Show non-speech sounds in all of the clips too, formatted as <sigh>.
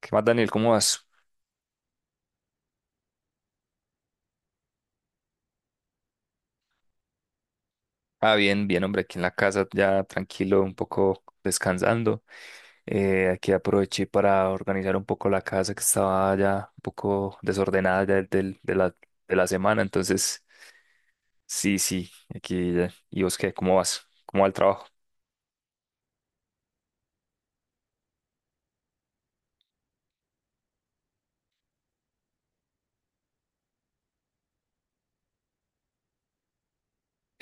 ¿Qué más, Daniel? ¿Cómo vas? Ah, bien, bien, hombre, aquí en la casa ya tranquilo, un poco descansando. Aquí aproveché para organizar un poco la casa que estaba ya un poco desordenada ya de la semana. Entonces, sí, sí, aquí ya. ¿Y vos qué? ¿Cómo vas? ¿Cómo va el trabajo?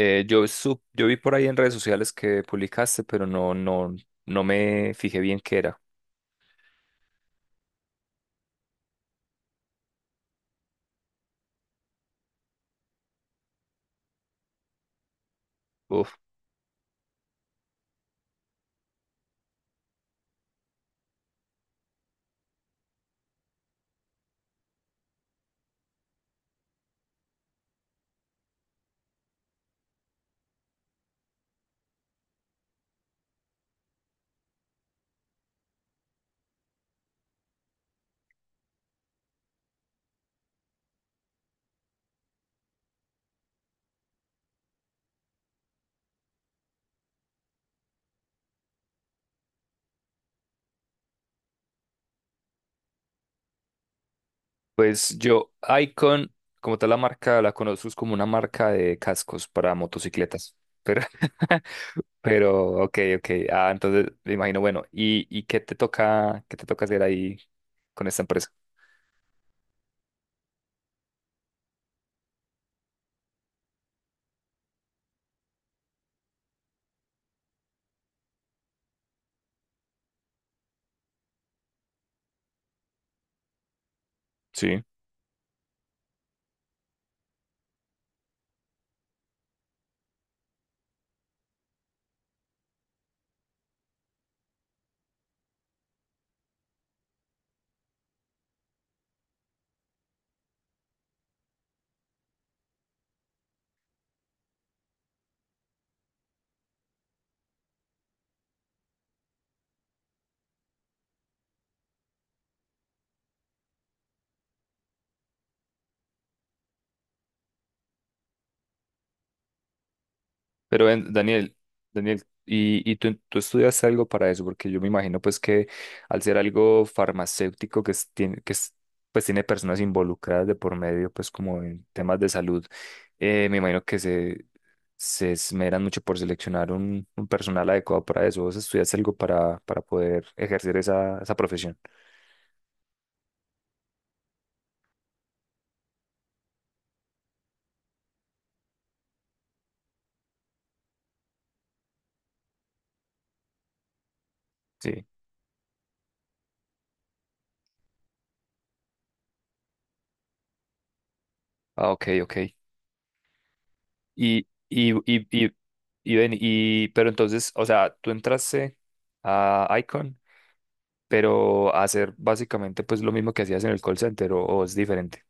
Yo vi por ahí en redes sociales que publicaste, pero no me fijé bien qué era. Pues yo, Icon, como tal la marca, la conozco, es como una marca de cascos para motocicletas. Pero, <laughs> pero, ok, ok. Ah, entonces me imagino, bueno, ¿y, qué te toca hacer ahí con esta empresa? Sí. Pero ven, Daniel, y, tú estudias algo para eso, porque yo me imagino pues que al ser algo farmacéutico que es- pues tiene personas involucradas de por medio, pues como en temas de salud, me imagino que se esmeran mucho por seleccionar un personal adecuado para eso. ¿Vos estudias algo para poder ejercer esa, esa profesión? Sí. Ah, ok, ok. Y, y, y, y, y ven, y, pero entonces, o sea, tú entraste a Icon, pero hacer básicamente pues lo mismo que hacías en el call center o es diferente.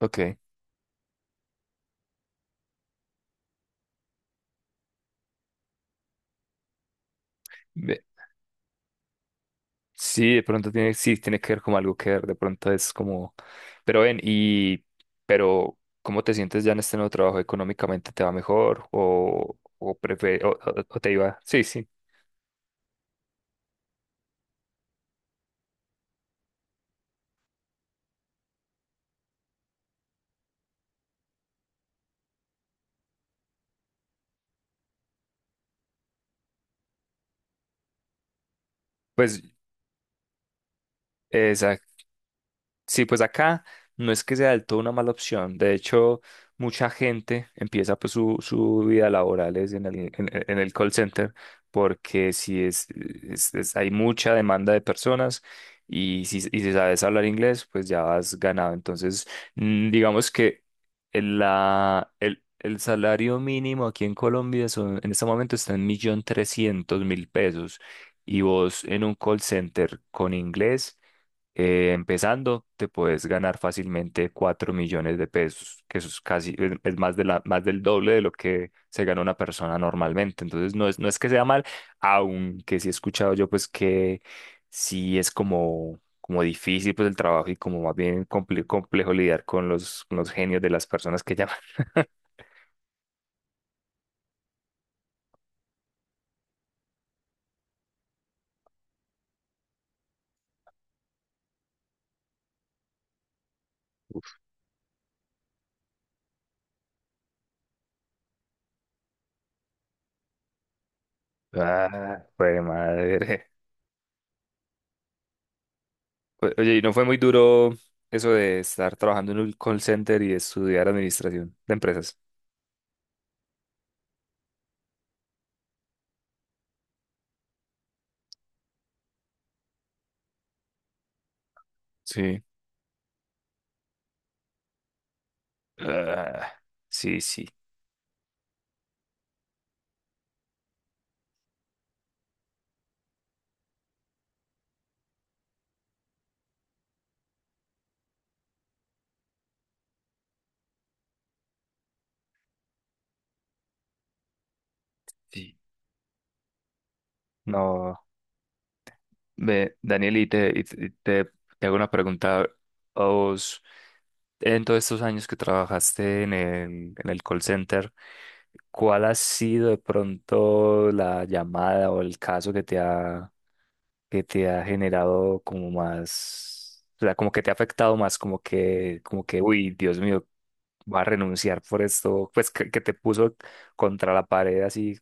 Ok. Ve- Sí, de pronto tiene, sí, tiene que ver como algo que ver, de pronto es como, pero ven, y, pero, ¿cómo te sientes ya en este nuevo trabajo? ¿Económicamente te va mejor o, o, o te iba? Sí, sí, pues, sí, pues acá no es que sea del todo una mala opción. De hecho, mucha gente empieza pues su vida laboral es en el call center, porque si es, es- hay mucha demanda de personas y si sabes hablar inglés, pues ya has ganado. Entonces, mm, digamos que el salario mínimo aquí en Colombia son, en este momento está en 1.300.000 pesos, y vos en un call center con inglés, empezando, te puedes ganar fácilmente 4.000.000 de pesos, que eso es casi, es más de la, más del doble de lo que se gana una persona normalmente. Entonces, no es que sea mal, aunque sí he escuchado yo, pues, que sí es como, como difícil, pues, el trabajo y como más bien complejo lidiar con los genios de las personas que llaman. <laughs> Ah, pues, madre. Oye, ¿y no fue muy duro eso de estar trabajando en un call center y estudiar administración de empresas? Sí, ah, sí, sí, sí. No, ve, Daniel, te hago una pregunta. ¿A vos, en todos estos años que trabajaste en el call center, cuál ha sido de pronto la llamada o el caso que te ha generado como más, o sea, como que te ha afectado más, como que, uy, Dios mío, va a renunciar por esto, pues que te puso contra la pared así?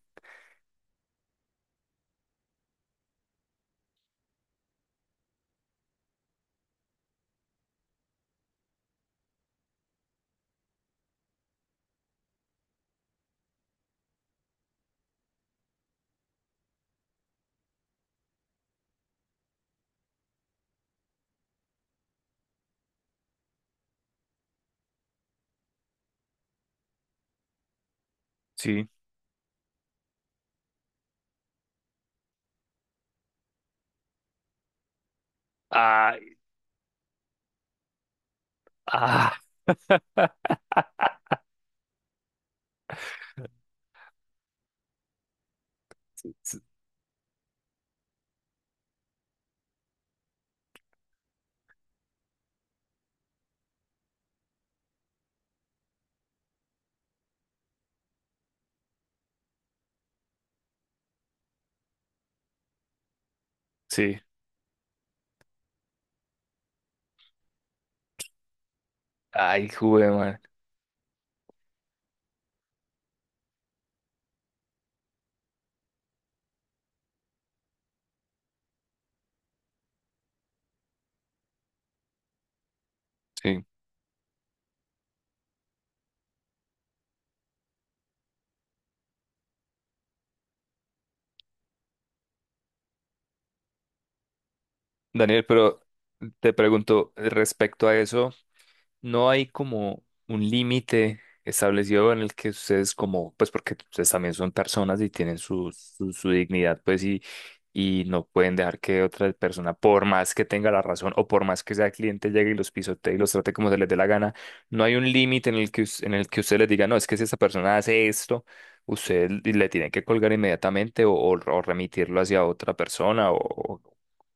Sí. Ah, <laughs> sí, ay, jugué, man, sí. Daniel, pero te pregunto, respecto a eso. ¿No hay como un límite establecido en el que ustedes como, pues porque ustedes también son personas y tienen su, su, su dignidad, pues, y no pueden dejar que otra persona, por más que tenga la razón o por más que sea cliente, llegue y los pisotee y los trate como se les dé la gana? ¿No hay un límite en el que, en el que usted les diga, no, es que si esa persona hace esto, usted le tiene que colgar inmediatamente o remitirlo hacia otra persona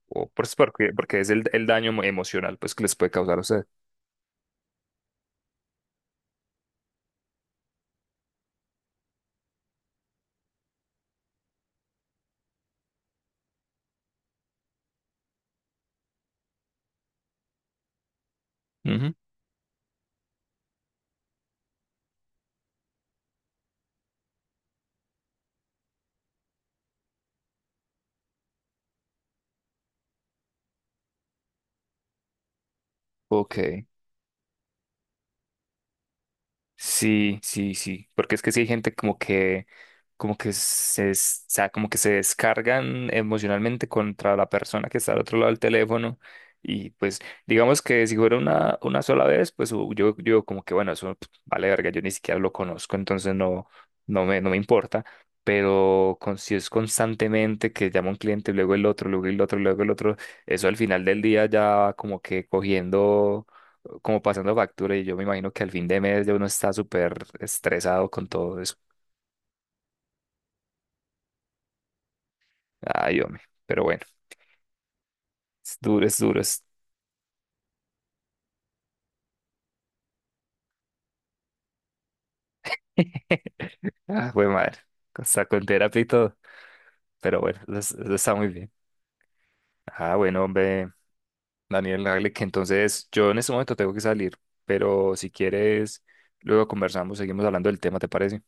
o, pues porque, porque es el daño emocional pues que les puede causar a usted? Ok, sí, sí, sí, porque es que sí hay gente como que, o sea, como que se descargan emocionalmente contra la persona que está al otro lado del teléfono, y pues digamos que si fuera una sola vez, pues yo, yo como que bueno, eso pf, vale verga, yo ni siquiera lo conozco, entonces no, no me importa, pero con, si es constantemente que llama un cliente, luego el otro, luego el otro, luego el otro, eso al final del día ya va como que cogiendo, como pasando factura, y yo me imagino que al fin de mes ya uno está súper estresado con todo eso. Ay, hombre, pero bueno, es duro, es duro. Es... <laughs> Ah, fue madre, hasta con terapia y todo, pero bueno, eso está muy bien. Ah, bueno, hombre, Daniel, hágale que entonces yo en este momento tengo que salir, pero si quieres, luego conversamos, seguimos hablando del tema, ¿te parece?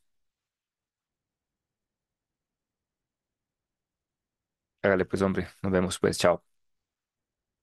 Hágale pues, hombre, nos vemos pues, chao.